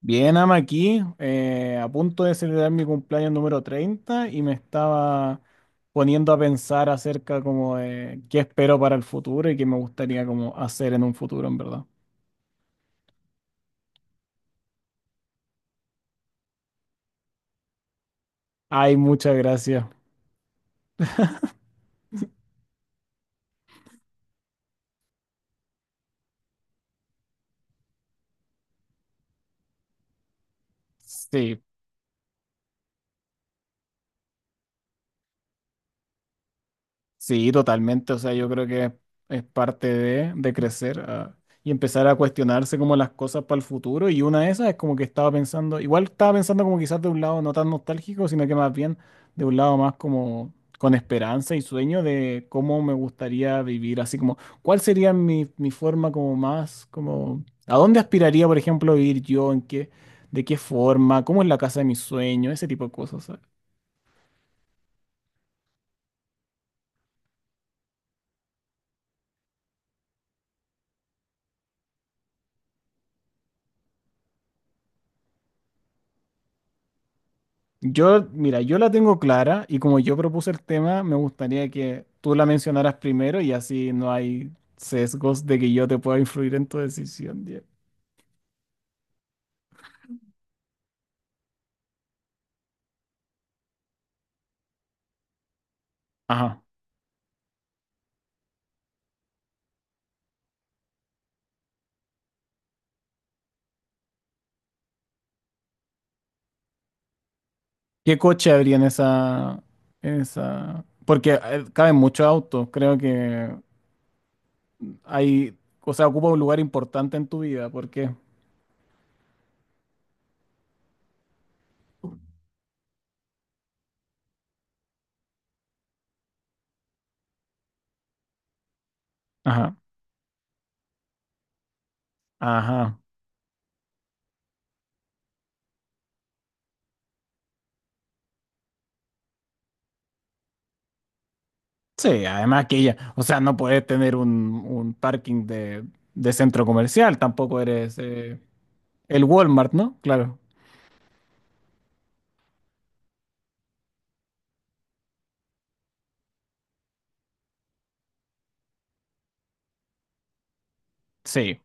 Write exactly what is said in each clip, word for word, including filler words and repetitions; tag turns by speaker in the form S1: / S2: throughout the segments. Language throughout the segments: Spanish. S1: Bien, ama aquí, eh, a punto de celebrar mi cumpleaños número treinta y me estaba poniendo a pensar acerca como de qué espero para el futuro y qué me gustaría como hacer en un futuro, en verdad. Ay, muchas gracias. Sí, sí, totalmente. O sea, yo creo que es parte de, de crecer ah, y empezar a cuestionarse como las cosas para el futuro. Y una de esas es como que estaba pensando, igual estaba pensando como quizás de un lado no tan nostálgico, sino que más bien de un lado más como con esperanza y sueño de cómo me gustaría vivir, así como cuál sería mi, mi forma como más, como a dónde aspiraría, por ejemplo, vivir yo, en qué, de qué forma, cómo es la casa de mis sueños, ese tipo de cosas. Yo, mira, yo la tengo clara y como yo propuse el tema, me gustaría que tú la mencionaras primero y así no hay sesgos de que yo te pueda influir en tu decisión. Diego. Ajá. ¿Qué coche habría en esa, en esa? Porque eh, caben muchos autos. Creo que hay, o sea, ocupa un lugar importante en tu vida. ¿Por qué? Ajá. Ajá. Sí, además que ella, o sea, no puedes tener un, un parking de, de centro comercial, tampoco eres eh, el Walmart, ¿no? Claro. Sí.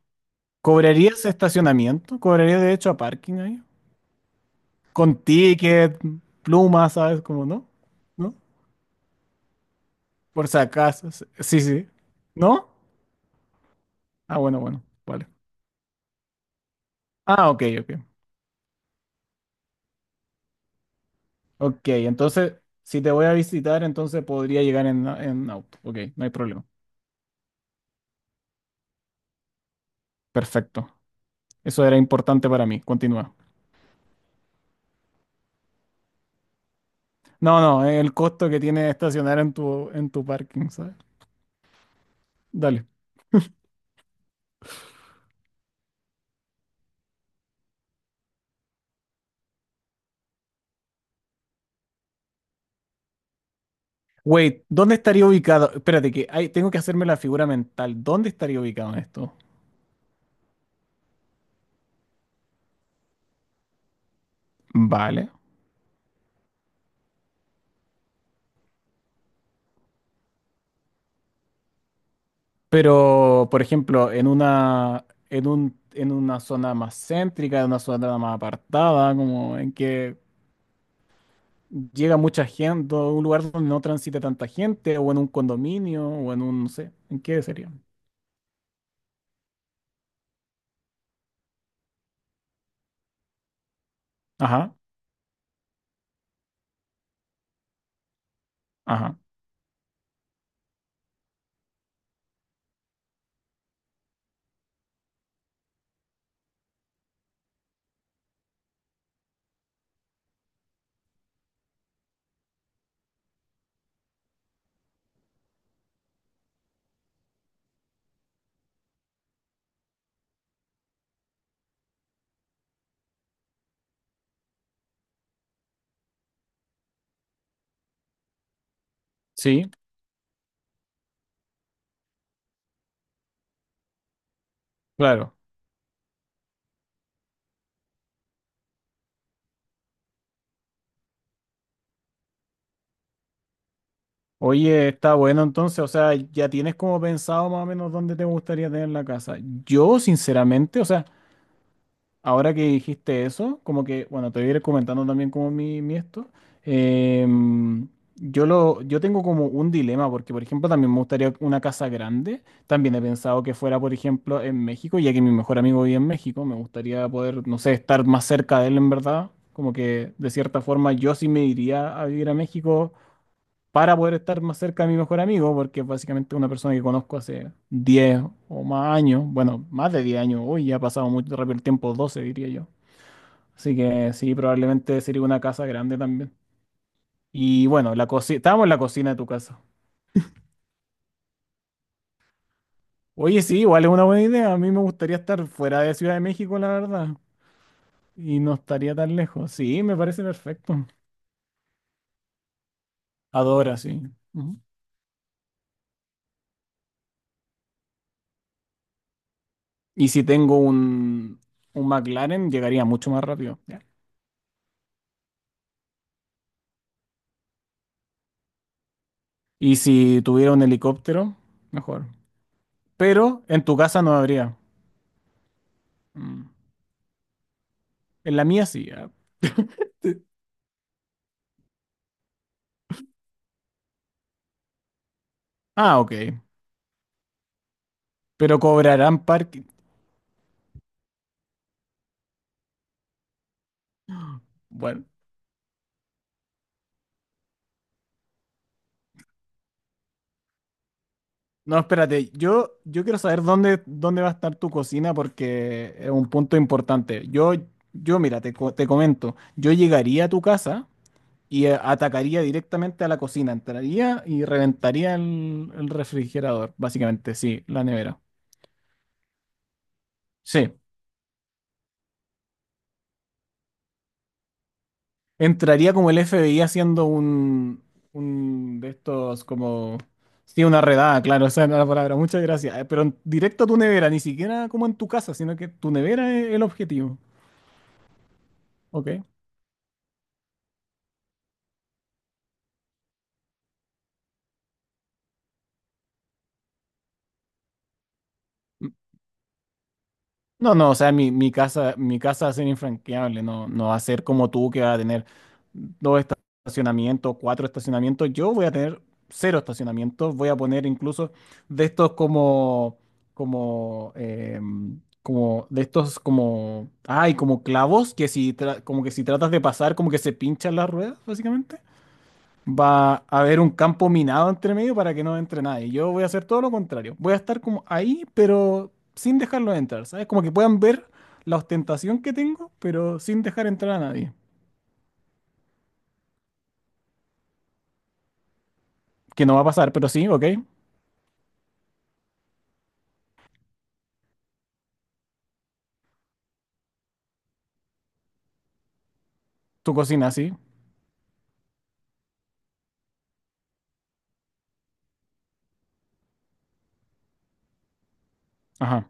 S1: ¿Cobrarías estacionamiento? ¿Cobrarías derecho a parking ahí? Con ticket, plumas, ¿sabes? Como, ¿no? ¿No? Por si acaso. s- Sí, sí. ¿No? Ah, bueno, bueno. Vale. Ah, ok, ok. Ok, entonces, si te voy a visitar, entonces podría llegar en, en auto. Ok, no hay problema. Perfecto. Eso era importante para mí. Continúa. No, no, el costo que tiene estacionar en tu, en tu parking, ¿sabes? Dale. Wait, ¿dónde estaría ubicado? Espérate, que hay- tengo que hacerme la figura mental. ¿Dónde estaría ubicado en esto? Vale. Pero, por ejemplo, en una, en un, en una zona más céntrica, en una zona más apartada, como en que llega mucha gente, o un lugar donde no transite tanta gente, o en un condominio, o en un, no sé, ¿en qué sería? Ajá, ajá. Sí, claro. Oye, está bueno entonces, o sea, ya tienes como pensado más o menos dónde te gustaría tener la casa. Yo, sinceramente, o sea, ahora que dijiste eso, como que, bueno, te voy a ir comentando también como mi, mi esto. Em, yo lo, yo tengo como un dilema, porque por ejemplo también me gustaría una casa grande. También he pensado que fuera, por ejemplo, en México, ya que mi mejor amigo vive en México, me gustaría poder, no sé, estar más cerca de él en verdad. Como que de cierta forma yo sí me iría a vivir a México para poder estar más cerca de mi mejor amigo, porque es básicamente una persona que conozco hace diez o más años, bueno, más de diez años, hoy ya ha pasado muy rápido el tiempo, doce diría yo. Así que sí, probablemente sería una casa grande también. Y bueno, la cocina, estábamos en la cocina de tu casa. Oye, sí, igual es una buena idea. A mí me gustaría estar fuera de Ciudad de México, la verdad. Y no estaría tan lejos. Sí, me parece perfecto. Adora, sí. Ujú. Y si tengo un, un McLaren, llegaría mucho más rápido. Y si tuviera un helicóptero, mejor. Pero en tu casa no habría. Mm. En la mía sí. Ah, ah, ok. Pero cobrarán parking. Bueno, no, espérate. Yo, yo quiero saber dónde, dónde va a estar tu cocina porque es un punto importante. Yo, yo mira, te, co- te comento. Yo llegaría a tu casa y eh, atacaría directamente a la cocina. Entraría y reventaría el, el refrigerador, básicamente, sí, la nevera. Sí. Entraría como el F B I haciendo un, un de estos como... Sí, una redada, claro, esa era la palabra. Muchas gracias. Eh, Pero en- directo a tu nevera, ni siquiera como en tu casa, sino que tu nevera es el objetivo. Ok. No, no, o sea, mi, mi casa, mi casa va a ser infranqueable, no, no va a ser como tú que va a tener dos estacionamientos, cuatro estacionamientos. Yo voy a tener cero estacionamientos, voy a poner incluso de estos como, como, em, como, de estos como, ay, como clavos que si, tra- como que si tratas de pasar, como que se pinchan las ruedas, básicamente. Va a haber un campo minado entre medio para que no entre nadie. Yo voy a hacer todo lo contrario. Voy a estar como ahí, pero sin dejarlos entrar, ¿sabes? Como que puedan ver la ostentación que tengo, pero sin dejar entrar a nadie. Que no va a pasar, pero sí, ok. Tu cocina, sí. Ajá.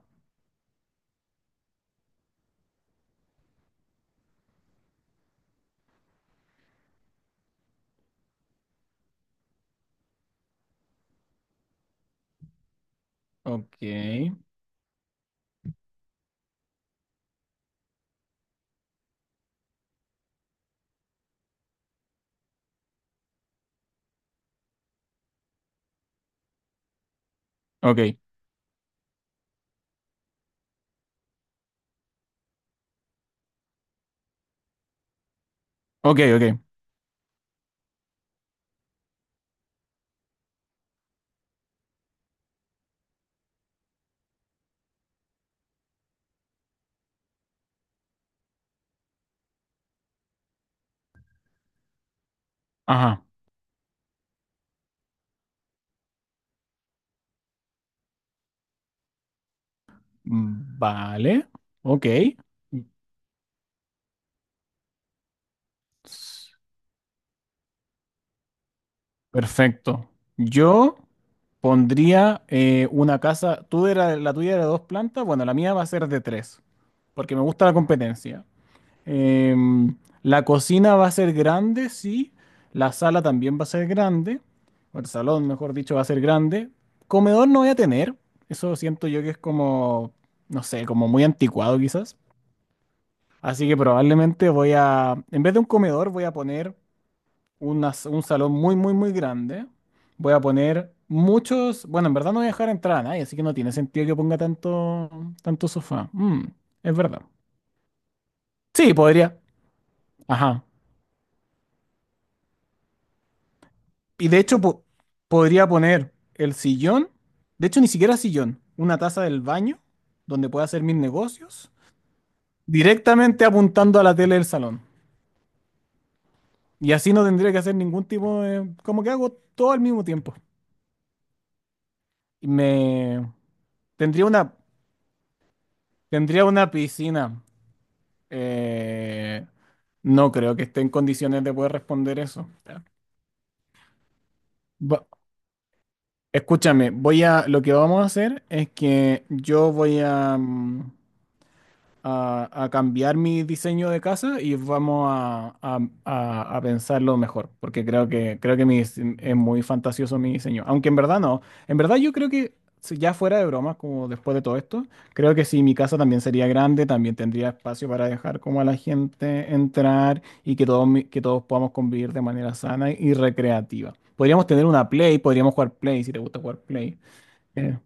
S1: Ok. Ok. Ok, ok. Ajá. Mm, vale. Ok. Perfecto. Yo pondría eh, una casa. Tú era, la tuya era de dos plantas. Bueno, la mía va a ser de tres, porque me gusta la competencia. Em, la cocina va a ser grande, sí. La sala también va a ser grande. O el salón, mejor dicho, va a ser grande. Comedor no voy a tener. Eso siento yo que es como, no sé, como muy anticuado quizás. Así que probablemente voy a, en vez de un comedor, voy a poner una s- un salón muy, muy, muy grande. Voy a poner muchos. Bueno, en verdad no voy a dejar entrar a nadie, así que no tiene sentido que ponga tanto, tanto sofá. Mm, es verdad. Sí, podría. Ajá. Y de hecho, po- podría poner el sillón. De hecho, ni siquiera sillón. Una taza del baño donde pueda hacer mis negocios. Directamente apuntando a la tele del salón. Y así no tendría que hacer ningún tipo de... Como que hago todo al mismo tiempo. Y me... Tendría una, tendría una piscina. Eh, no creo que esté en condiciones de poder responder eso. Va- Escúchame, voy a, lo que vamos a hacer es que yo voy a, mm, a, a cambiar mi diseño de casa y vamos a, a- a- a pensarlo mejor, porque creo que, creo que mi dise- es muy fantasioso mi diseño, aunque en verdad no, en verdad yo creo que si ya fuera de bromas, como después de todo esto, creo que si mi casa también sería grande, también tendría espacio para dejar como a la gente entrar y que todos, mi- que todos podamos convivir de manera sana y recreativa. Podríamos tener una Play, podríamos jugar Play, si te gusta jugar Play. Eh,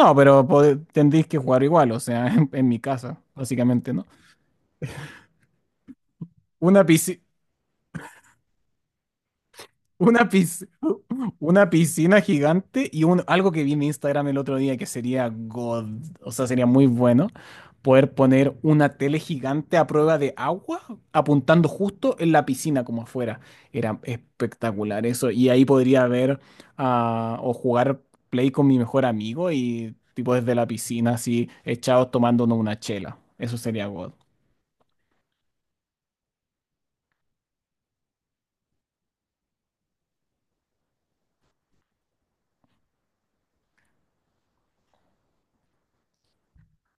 S1: no, pero pode- tendréis que jugar igual, o sea, en, en mi casa, básicamente, ¿no? Una piscina, una piscina, una piscina gigante y un, algo que vi en Instagram el otro día que sería God, o sea, sería muy bueno poder poner una tele gigante a prueba de agua apuntando justo en la piscina como afuera. Era espectacular eso y ahí podría ver ah, o jugar play con mi mejor amigo y tipo desde la piscina así echados tomándonos una chela. Eso sería God.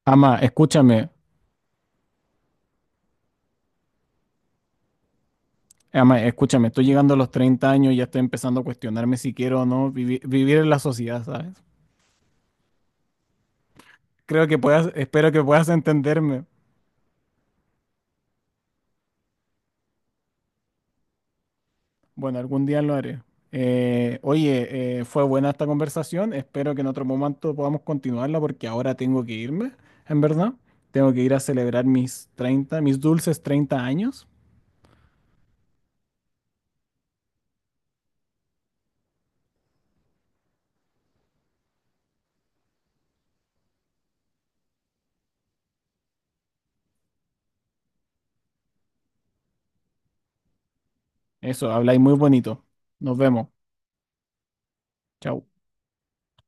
S1: Ama, escúchame. Ama, escúchame, estoy llegando a los treinta años y ya estoy empezando a cuestionarme si quiero o no vivi- vivir en la sociedad, ¿sabes? Creo que puedas, espero que puedas entenderme. Bueno, algún día lo haré. Eh, oye, eh, fue buena esta conversación. Espero que en otro momento podamos continuarla porque ahora tengo que irme, en verdad. Tengo que ir a celebrar mis treinta, mis dulces treinta años. Eso, habláis muy bonito. Nos vemos. Chao.